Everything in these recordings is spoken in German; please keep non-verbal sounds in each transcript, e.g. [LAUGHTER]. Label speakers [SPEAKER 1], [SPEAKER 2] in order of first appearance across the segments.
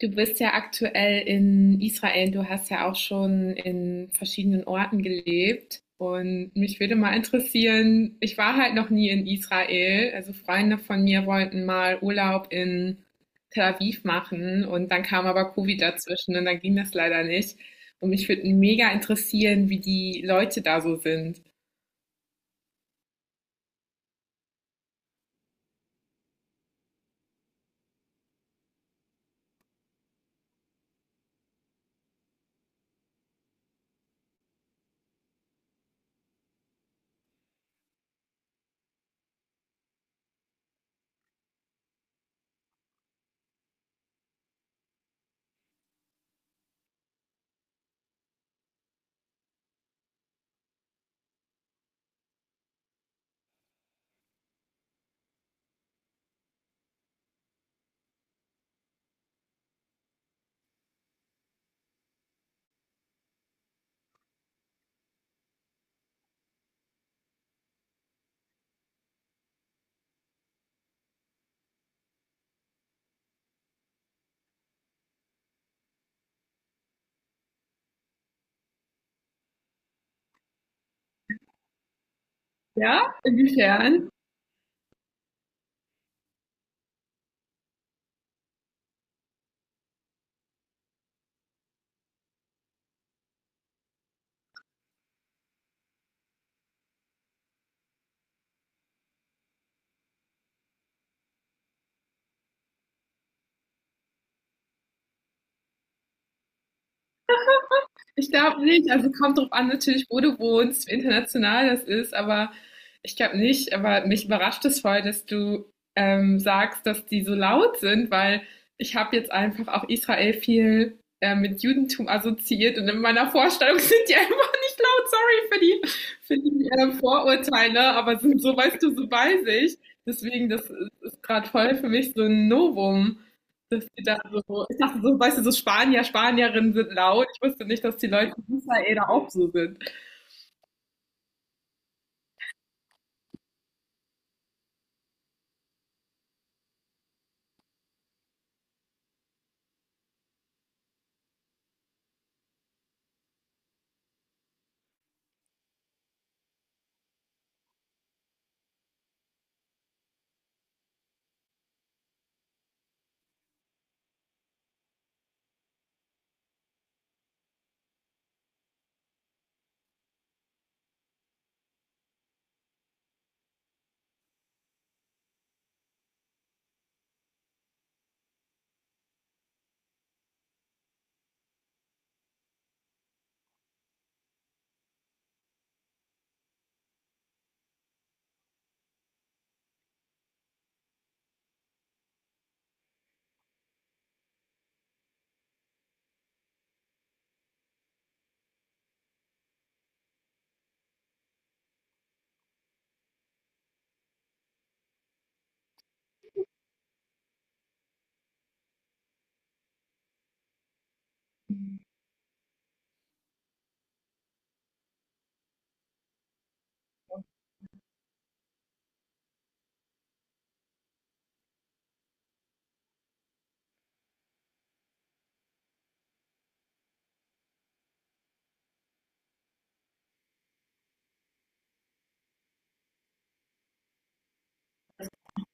[SPEAKER 1] Du bist ja aktuell in Israel, du hast ja auch schon in verschiedenen Orten gelebt. Und mich würde mal interessieren, ich war halt noch nie in Israel. Also Freunde von mir wollten mal Urlaub in Tel Aviv machen und dann kam aber Covid dazwischen und dann ging das leider nicht. Und mich würde mega interessieren, wie die Leute da so sind. Ja? Inwiefern? Ich glaube nicht. Also kommt drauf an, natürlich, wo du wohnst, wie international das ist, aber ich glaube nicht. Aber mich überrascht es voll, dass du sagst, dass die so laut sind, weil ich habe jetzt einfach auch Israel viel mit Judentum assoziiert und in meiner Vorstellung [LAUGHS] sind die einfach nicht laut. Sorry für die Vorurteile, ne? Aber sind so, weißt du, so bei sich. Deswegen, das ist gerade voll für mich so ein Novum. Dass die da so, ich dachte so, weißt du, so Spanier, Spanierinnen sind laut. Ich wusste nicht, dass die Leute in Israel da auch so sind.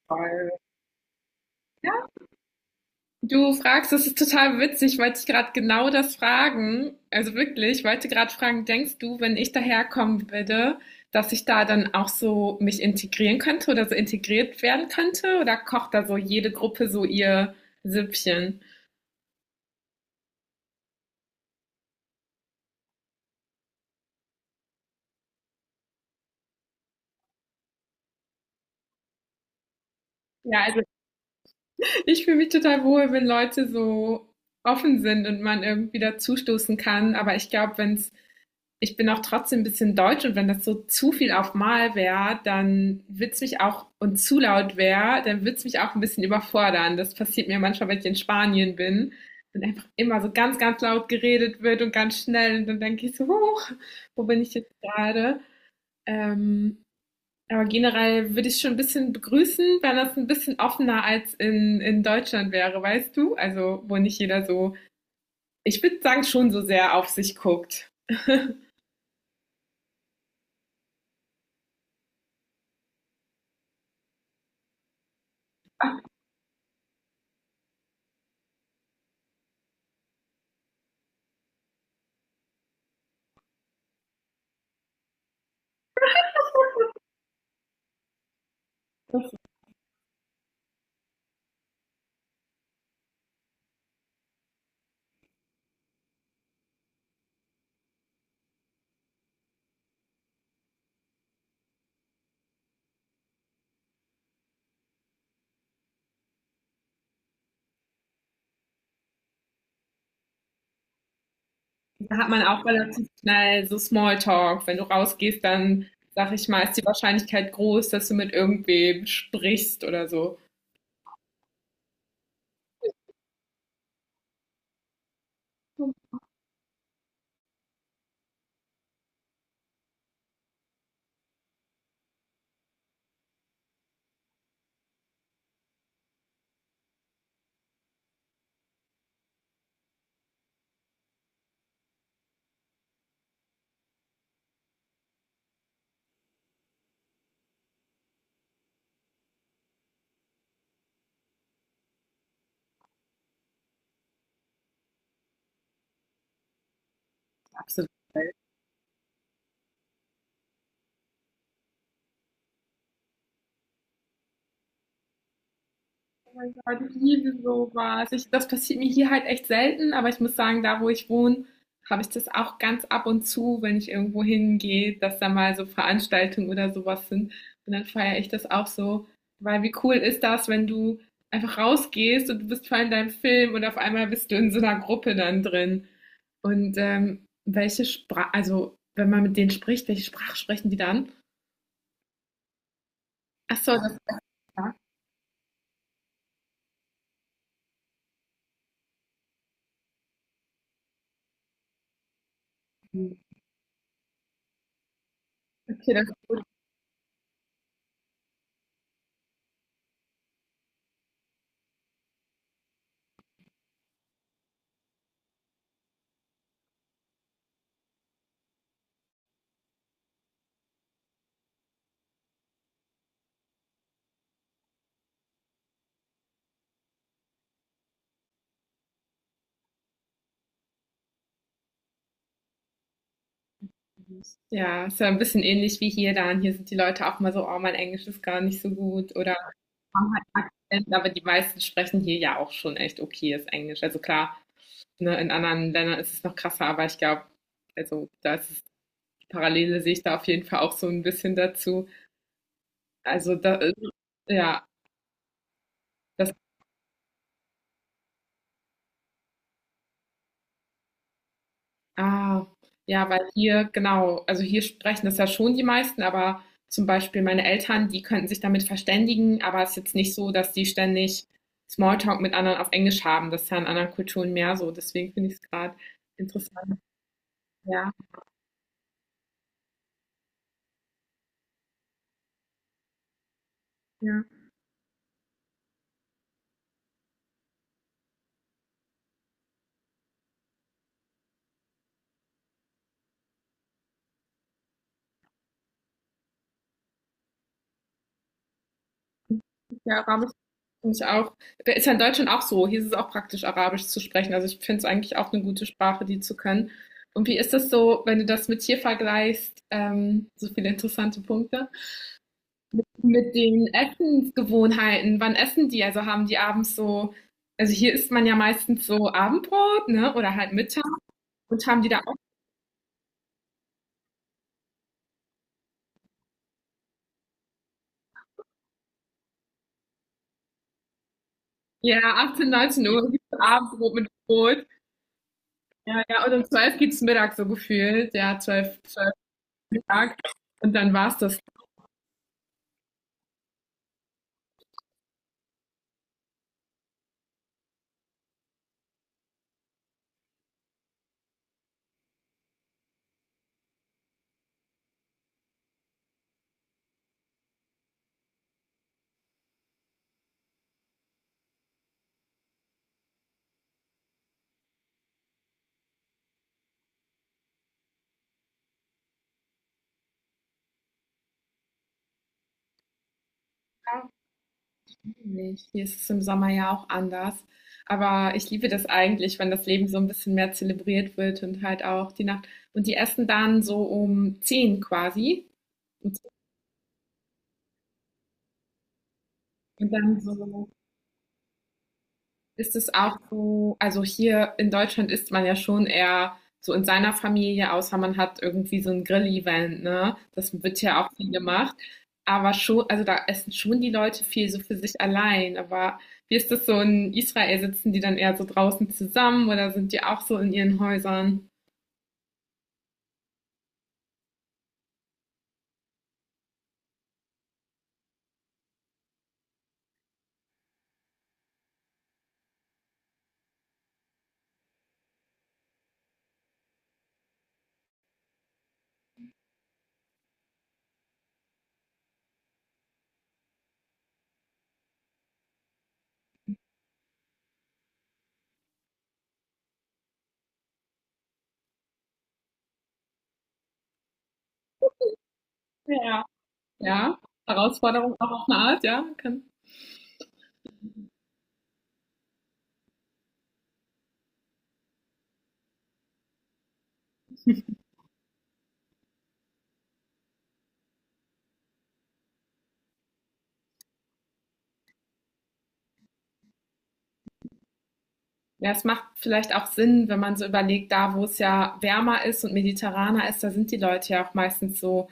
[SPEAKER 1] Weil, ja. Du fragst, das ist total witzig, ich wollte ich gerade genau das fragen. Also wirklich, ich wollte gerade fragen, denkst du, wenn ich daherkommen würde, dass ich da dann auch so mich integrieren könnte oder so integriert werden könnte? Oder kocht da so jede Gruppe so ihr Süppchen? Ja, also ich fühle mich total wohl, wenn Leute so offen sind und man irgendwie dazustoßen kann. Aber ich glaube, wenn es ich bin auch trotzdem ein bisschen deutsch und wenn das so zu viel auf Mal wäre, dann wird's mich auch und zu laut wäre, dann wird's mich auch ein bisschen überfordern. Das passiert mir manchmal, wenn ich in Spanien bin und einfach immer so ganz, ganz laut geredet wird und ganz schnell und dann denke ich so, huch, wo bin ich jetzt gerade? Ähm, aber generell würde ich schon ein bisschen begrüßen, wenn das ein bisschen offener als in Deutschland wäre, weißt du? Also, wo nicht jeder so, ich würde sagen, schon so sehr auf sich guckt. [LAUGHS] Da hat man auch relativ schnell so Smalltalk. Wenn du rausgehst, dann sag ich mal, ist die Wahrscheinlichkeit groß, dass du mit irgendwem sprichst oder so. Absolut. Ich liebe sowas. Das passiert mir hier halt echt selten, aber ich muss sagen, da wo ich wohne, habe ich das auch ganz ab und zu, wenn ich irgendwo hingehe, dass da mal so Veranstaltungen oder sowas sind. Und dann feiere ich das auch so. Weil wie cool ist das, wenn du einfach rausgehst und du bist voll in deinem Film und auf einmal bist du in so einer Gruppe dann drin. Und welche Sprache, also wenn man mit denen spricht, welche Sprache sprechen die dann? Ach so, das ist ja. Okay, das ja, ist ja ein bisschen ähnlich wie hier dann. Hier sind die Leute auch mal so, oh, mein Englisch ist gar nicht so gut oder haben halt Akzent, aber die meisten sprechen hier ja auch schon echt okayes Englisch. Also klar, ne, in anderen Ländern ist es noch krasser, aber ich glaube, also da ist es, Parallele sehe ich da auf jeden Fall auch so ein bisschen dazu. Also da, ja, das Ah, ja, weil hier, genau, also hier sprechen das ja schon die meisten, aber zum Beispiel meine Eltern, die könnten sich damit verständigen, aber es ist jetzt nicht so, dass die ständig Smalltalk mit anderen auf Englisch haben. Das ist ja in anderen Kulturen mehr so. Deswegen finde ich es gerade interessant. Ja, ja, ja, Arabisch finde ich auch. Ist ja in Deutschland auch so. Hier ist es auch praktisch, Arabisch zu sprechen. Also ich finde es eigentlich auch eine gute Sprache, die zu können. Und wie ist das so, wenn du das mit hier vergleichst? So viele interessante Punkte, mit den Essensgewohnheiten, wann essen die? Also haben die abends so, also hier isst man ja meistens so Abendbrot, ne? Oder halt Mittag. Und haben die da auch, ja, 18, 19 Uhr gibt's so Abendbrot mit Brot. Ja, ja, und um 12 gibt's Mittag so gefühlt. Ja, zwölf Mittag. Und dann war's das. Ja, nicht. Hier ist es im Sommer ja auch anders. Aber ich liebe das eigentlich, wenn das Leben so ein bisschen mehr zelebriert wird und halt auch die Nacht. Und die essen dann so um 10 quasi. Und dann so. Ist es auch so, also hier in Deutschland isst man ja schon eher so in seiner Familie, außer man hat irgendwie so ein Grill-Event, ne? Das wird ja auch viel gemacht. Aber schon, also da essen schon die Leute viel so für sich allein. Aber wie ist das so in Israel? Sitzen die dann eher so draußen zusammen oder sind die auch so in ihren Häusern? Ja. Ja, Herausforderung auch auf eine Art, ja? Ja, es macht vielleicht auch Sinn, wenn man so überlegt, da wo es ja wärmer ist und mediterraner ist, da sind die Leute ja auch meistens so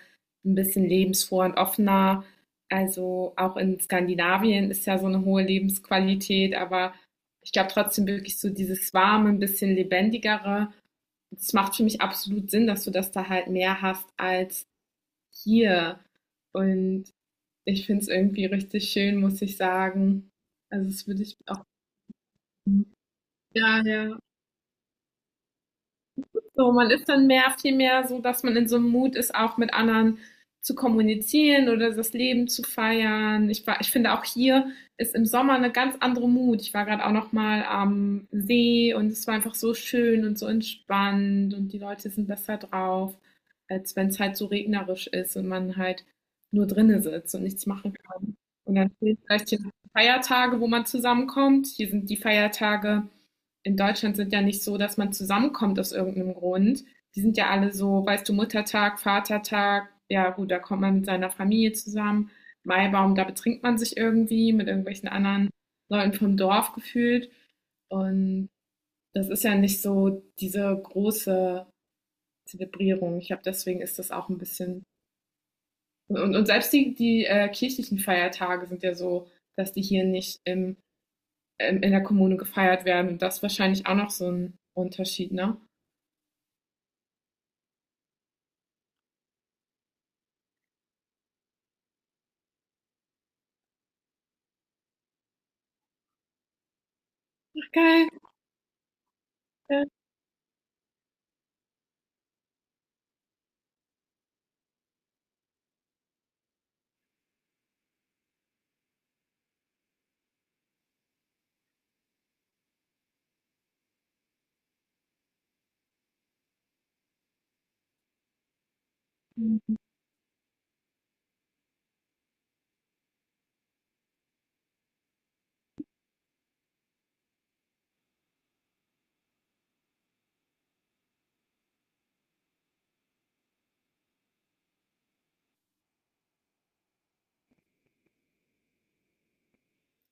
[SPEAKER 1] ein bisschen lebensfroher und offener. Also auch in Skandinavien ist ja so eine hohe Lebensqualität, aber ich glaube trotzdem wirklich so dieses warme, ein bisschen lebendigere. Es macht für mich absolut Sinn, dass du das da halt mehr hast als hier. Und ich finde es irgendwie richtig schön, muss ich sagen. Also das würde ich auch. Ja, ja. So, man ist dann mehr, viel mehr so, dass man in so einem Mut ist, auch mit anderen zu kommunizieren oder das Leben zu feiern. Ich finde auch hier ist im Sommer eine ganz andere Mut. Ich war gerade auch noch mal am See und es war einfach so schön und so entspannt und die Leute sind besser drauf, als wenn es halt so regnerisch ist und man halt nur drinnen sitzt und nichts machen kann. Und dann fehlt vielleicht hier noch Feiertage, wo man zusammenkommt. Hier sind die Feiertage in Deutschland sind ja nicht so, dass man zusammenkommt aus irgendeinem Grund. Die sind ja alle so, weißt du, Muttertag, Vatertag, ja gut, da kommt man mit seiner Familie zusammen. Maibaum, da betrinkt man sich irgendwie mit irgendwelchen anderen Leuten vom Dorf gefühlt. Und das ist ja nicht so diese große Zelebrierung. Ich glaube, deswegen ist das auch ein bisschen. Und selbst die kirchlichen Feiertage sind ja so, dass die hier nicht in der Kommune gefeiert werden. Und das ist wahrscheinlich auch noch so ein Unterschied, ne? Ach, geil. Ja,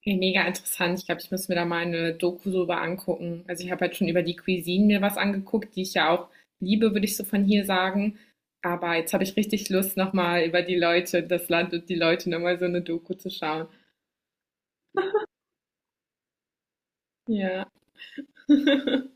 [SPEAKER 1] mega interessant. Ich glaube, ich muss mir da mal eine Doku drüber angucken. Also ich habe halt schon über die Cuisine mir was angeguckt, die ich ja auch liebe, würde ich so von hier sagen. Aber jetzt habe ich richtig Lust, nochmal über die Leute, das Land und die Leute nochmal so eine Doku zu schauen. Ja. [LAUGHS]